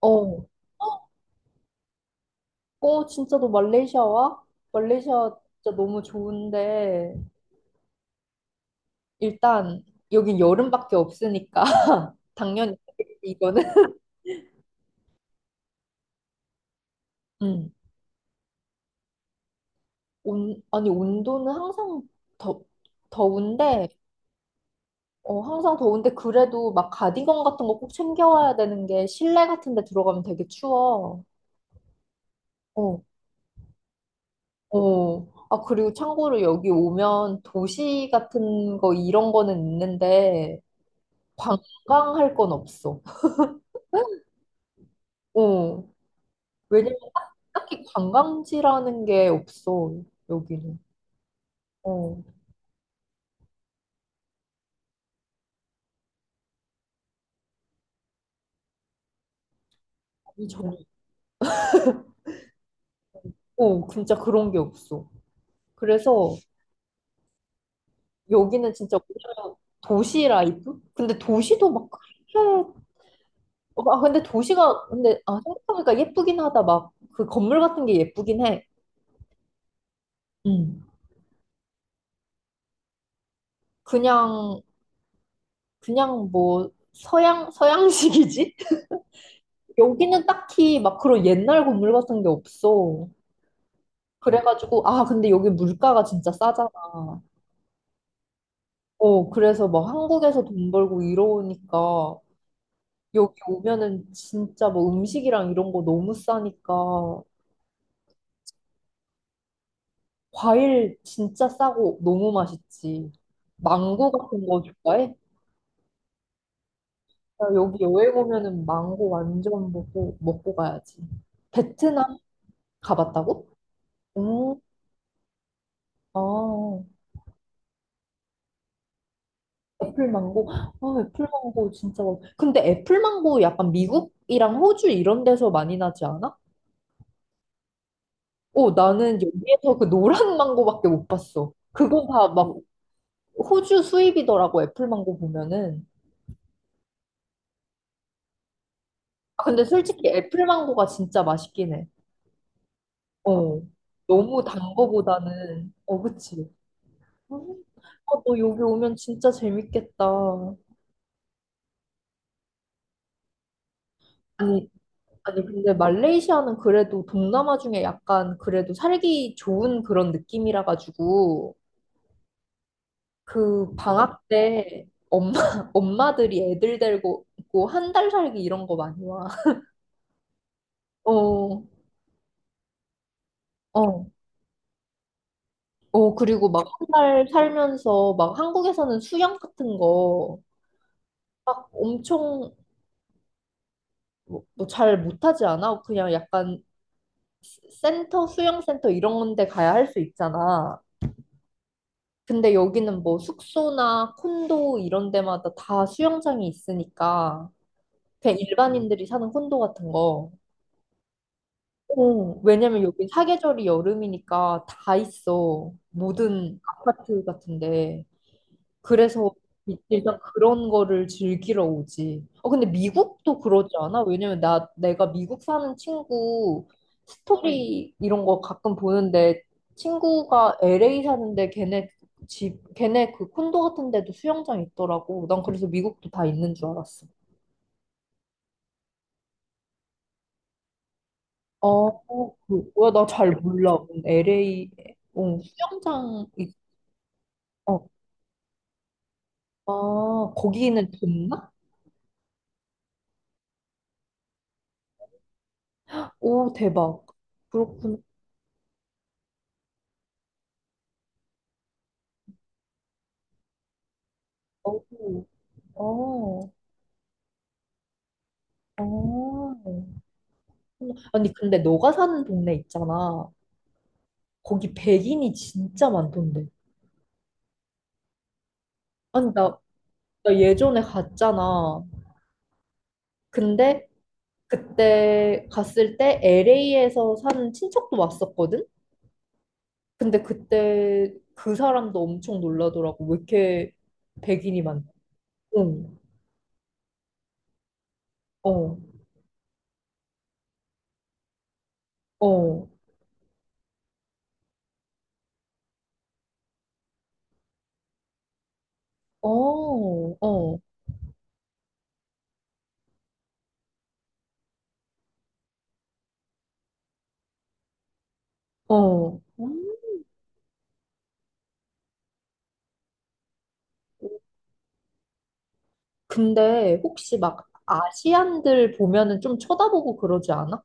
어. 어, 진짜 너 말레이시아 와? 말레이시아 진짜 너무 좋은데, 일단, 여긴 여름밖에 없으니까, 당연히, 이거는. 음. 온, 아니, 온도는 항상 더, 더운데, 어, 항상 더운데, 그래도 막 가디건 같은 거 꼭 챙겨와야 되는 게, 실내 같은 데 들어가면 되게 추워. 어, 어. 아, 그리고 참고로 여기 오면 도시 같은 거, 이런 거는 있는데, 관광할 건 없어. 어. 왜냐면 딱히 관광지라는 게 없어, 여기는. 어, 진짜. 어, 진짜 그런 게 없어. 그래서 여기는 진짜 오히려 도시 라이프? 근데 도시도 막 그렇게, 어, 아, 근데 도시가, 근데, 아, 생각해보니까 예쁘긴 하다. 막 그 건물 같은 게 예쁘긴 해. 음. 그냥, 그냥 뭐, 서양, 서양식이지? 여기는 딱히 막 그런 옛날 건물 같은 게 없어. 그래가지고, 아, 근데 여기 물가가 진짜 싸잖아. 어, 그래서 막 한국에서 돈 벌고 이러니까 여기 오면은 진짜 뭐 음식이랑 이런 거 너무 싸니까 과일 진짜 싸고 너무 맛있지. 망고 같은 거 좋아해? 나 여기 여행 오면은 망고 완전 먹고, 먹고 가야지. 베트남 가봤다고? 응, 아, 애플망고. 아, 애플망고 진짜 맛 근데 애플망고 약간 미국이랑 호주 이런 데서 많이 나지 않아? 어, 나는 여기에서 그 노란 망고밖에 못 봤어. 그건 다 막 호주 수입이더라고, 애플망고 보면은. 아, 근데 솔직히 애플망고가 진짜 맛있긴 해. 어. 너무 단 거보다는, 어, 그치. 음, 아, 너 여기 오면 진짜 재밌겠다. 아니, 아니, 근데 말레이시아는 그래도 동남아 중에 약간 그래도 살기 좋은 그런 느낌이라 가지고, 그 방학 때 엄마, 엄마들이 애들 데리고 한 달 살기 이런 거 많이 와. 어, 어, 어, 그리고 막 한 달 살면서 막 한국에서는 수영 같은 거 막 엄청 뭐 잘 못하지 않아? 그냥 약간 센터, 수영센터 이런 데 가야 할 수 있잖아. 근데 여기는 뭐 숙소나 콘도 이런 데마다 다 수영장이 있으니까 그냥 일반인들이 사는 콘도 같은 거. 어, 왜냐면 여기 사계절이 여름이니까 다 있어. 모든 아파트 같은데. 그래서 일단 그런 거를 즐기러 오지. 어, 근데 미국도 그러지 않아? 왜냐면 나, 내가 미국 사는 친구 스토리 이런 거 가끔 보는데 친구가 LA 사는데 걔네 집, 걔네 그 콘도 같은 데도 수영장 있더라고. 난 그래서 미국도 다 있는 줄 알았어. 어, 그, 뭐야, 나 잘 몰라. LA, 어, 수영장, 있- 어, 아, 거기는 좋나? 오, 대박. 그렇구나. 어, 어. 어. 아니, 근데 너가 사는 동네 있잖아. 거기 백인이 진짜 많던데. 아니, 나, 나 예전에 갔잖아. 근데 그때 갔을 때 LA에서 사는 친척도 왔었거든? 근데 그때 그 사람도 엄청 놀라더라고. 왜 이렇게 백인이 많 응, 어, 어, 어, 어, 어. 음. 근데 혹시 막 아시안들 보면은 좀 쳐다보고 그러지 않아?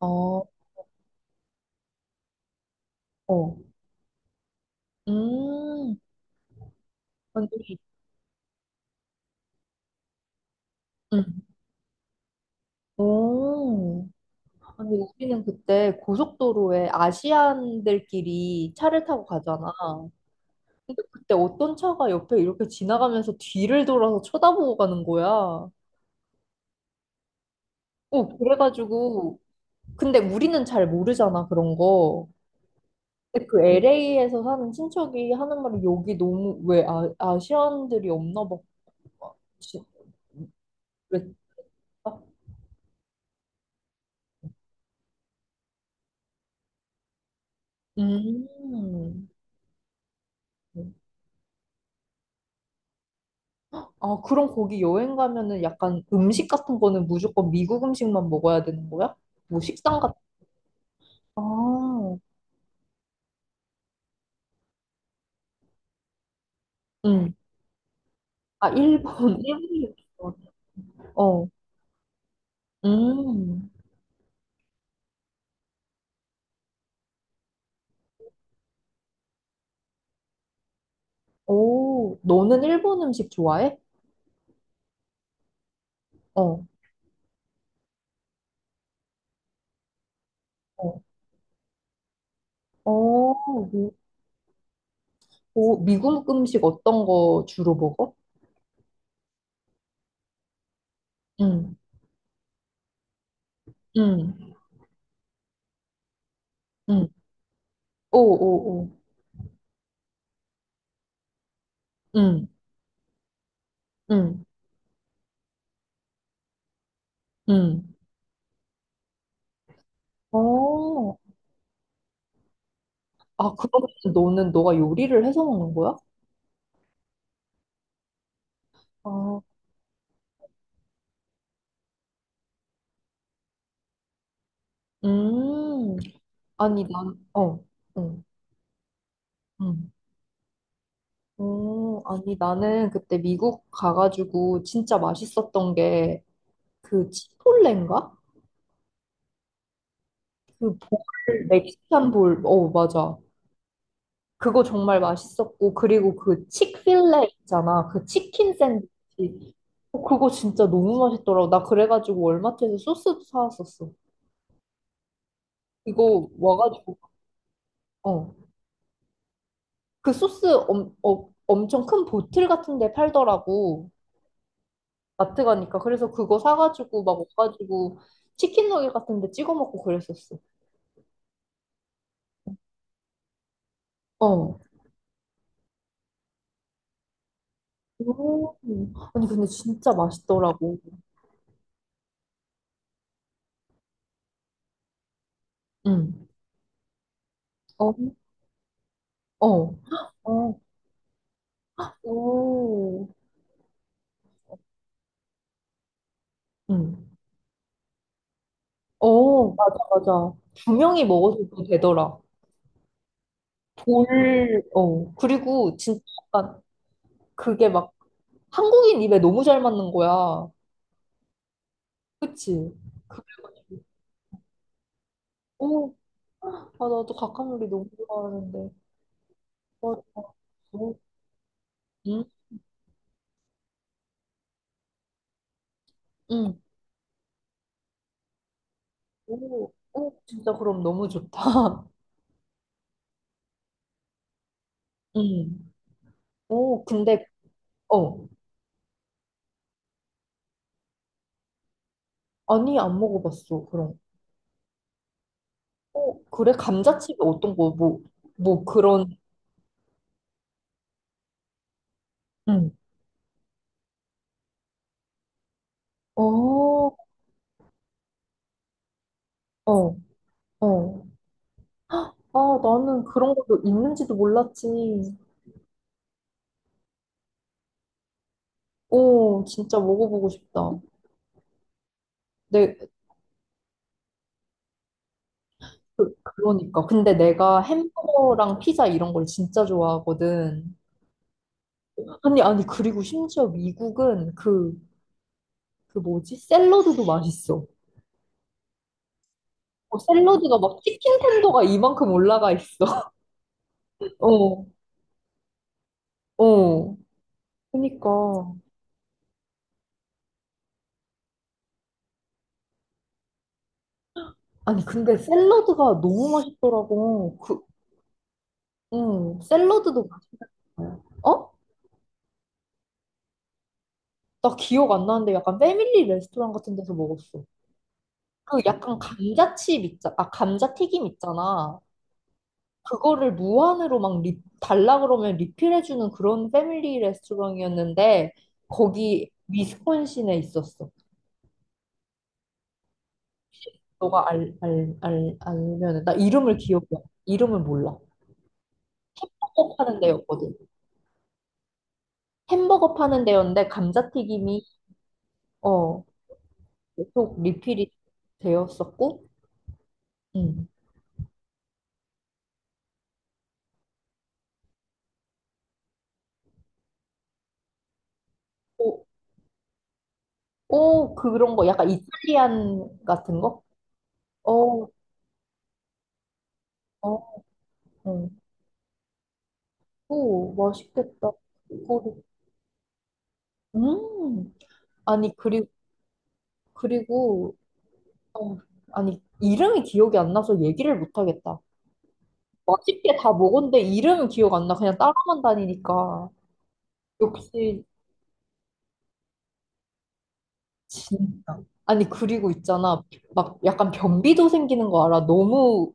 어, 어. 음, 언니, 응 오. 근데 우리는 그때 고속도로에 아시안들끼리 차를 타고 가잖아. 근데 그때 어떤 차가 옆에 이렇게 지나가면서 뒤를 돌아서 쳐다보고 가는 거야. 어, 그래가지고. 근데 우리는 잘 모르잖아, 그런 거. 근데 그 LA에서 사는 친척이 하는 말이 여기 너무, 왜 아, 아시안들이 없나 봐. 지- 그랬다? 음. 아, 그럼 거기 여행 가면은 약간 음식 같은 거는 무조건 미국 음식만 먹어야 되는 거야? 뭐 식당 같은 아, 응. 아, 일본. 일본이 좋아. 어. 음. 오, 너는 일본 음식 좋아해? 어. 어. 어. 미, 오, 미국 음식 어떤 거 주로 먹어? 응. 응. 응. 오, 오, 오. 응. 응. 응. 어. 아, 그러면 너는 너가 요리를 해서 먹는 거야? 아, 음. 아니, 난, 어, 응. 응. 어, 아니, 나는 그때 미국 가가지고 진짜 맛있었던 게 그 치폴레인가? 그 볼, 멕시칸 볼, 어, 맞아. 그거 정말 맛있었고, 그리고 그 치크필레 있잖아. 그 치킨 샌드위치. 어, 그거 진짜 너무 맛있더라고. 나 그래가지고 월마트에서 소스도 사왔었어. 이거 와가지고, 어. 그 소스 엄, 어, 엄청 큰 보틀 같은 데 팔더라고. 마트 가니까 그래서 그거 사가지고 막 옷가지고 치킨 너겟 같은 데 찍어 먹고 그랬었어. 어. 오. 아니 근데 진짜 맛있더라고. 응. 어. 어. 어. 오. 응. 어, 맞아, 맞아. 두 명이 먹어도 되더라. 돌, 어. 그리고 진짜 약간 그게 막 한국인 입에 너무 잘 맞는 거야. 그치? 그래가지고. 오. 아, 나도 각각놀이 너무 좋아하는데. 맞아. 어. 음. 응. 오, 오, 진짜 그럼 너무 좋다. 응. 오, 근데, 어, 아니, 안 먹어봤어, 그럼. 어, 그래? 감자칩이 어떤 거, 뭐, 뭐, 그런, 응. 어, 어, 어. 아, 나는 그런 것도 있는지도 몰랐지. 오, 진짜 먹어보고 싶다. 내, 그, 그러니까. 근데 내가 햄버거랑 피자 이런 걸 진짜 좋아하거든. 아니, 그리고 심지어 미국은 그, 그 뭐지? 샐러드도 맛있어. 어, 샐러드가 막 치킨 텐더가 이만큼 올라가 있어. 어, 어. 그니까. 아니, 근데 샐러드가 너무 맛있더라고. 그, 응 샐러드도 맛있어요. 어? 나 기억 안 나는데 약간 패밀리 레스토랑 같은 데서 먹었어. 그 약간 감자칩 있잖아. 아, 감자튀김 있잖아. 그거를 무한으로 막 리, 달라 그러면 리필해주는 그런 패밀리 레스토랑이었는데 거기 위스콘신에 있었어. 너가 알면은 나 이름을 기억해. 이름을 몰라. 햄버거 파는 데였거든. 햄버거 파는 데였는데 감자튀김이 어, 계속 리필이 되었었고, 음. 오, 오, 그런 거 약간 이탈리안 같은 거? 어, 어, 어. 오, 맛있겠다. 그거를. 음. 아니 그리고 그리고 어, 아니 이름이 기억이 안 나서 얘기를 못 하겠다. 맛있게 다 먹었는데 이름은 기억 안 나. 그냥 따라만 다니니까. 역시 진 아니 그리고 있잖아 막 약간 변비도 생기는 거 알아 너무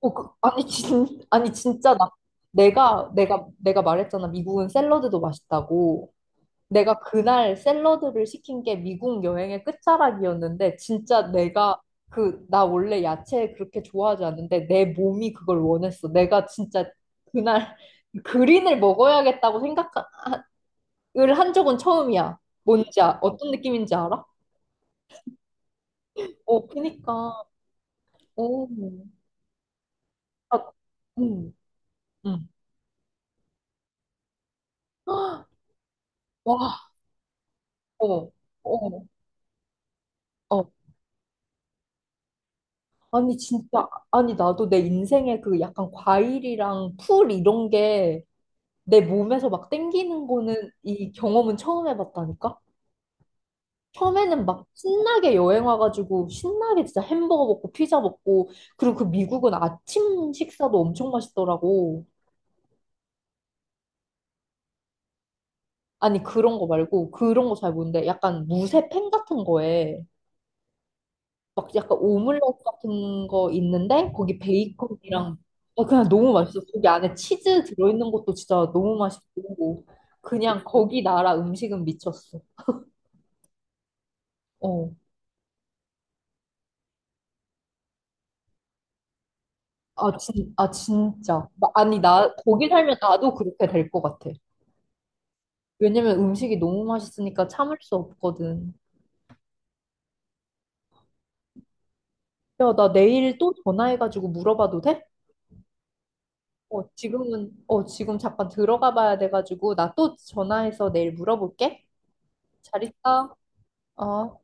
어, 그, 아니 진 아니 진짜 나 내가 말했잖아 미국은 샐러드도 맛있다고 내가 그날 샐러드를 시킨 게 미국 여행의 끝자락이었는데 진짜 내가 그 나 원래 야채 그렇게 좋아하지 않는데 내 몸이 그걸 원했어 내가 진짜 그날 그린을 먹어야겠다고 생각을 한 적은 처음이야 뭔지 아, 어떤 느낌인지 알아? 어, 그니까, 어, 아, 음, 음. 헉, 와, 어, 어, 어. 아니, 진짜, 아니, 나도 내 인생에 그 약간 과일이랑 풀 이런 게 내 몸에서 막 땡기는 거는 이 경험은 처음 해봤다니까? 처음에는 막 신나게 여행 와가지고 신나게 진짜 햄버거 먹고 피자 먹고 그리고 그 미국은 아침 식사도 엄청 맛있더라고. 아니, 그런 거 말고 그런 거 잘 모르는데 약간 무쇠 팬 같은 거에 막 약간 오믈렛 같은 거 있는데 거기 베이컨이랑 어, 그냥 너무 맛있어. 거기 안에 치즈 들어있는 것도 진짜 너무 맛있고 그냥 거기 나라 음식은 미쳤어. 어. 아, 진, 아 진짜. 나- 아니 나 거기 살면 나도 그렇게 될 것 같아. 왜냐면 음식이 너무 맛있으니까 참을 수 없거든. 야, 나 내일 또 전화해가지고 물어봐도 돼? 어, 지금은, 어, 지금 잠깐 들어가 봐야 돼가지고, 나 또 전화해서 내일 물어볼게. 잘 있어. 어.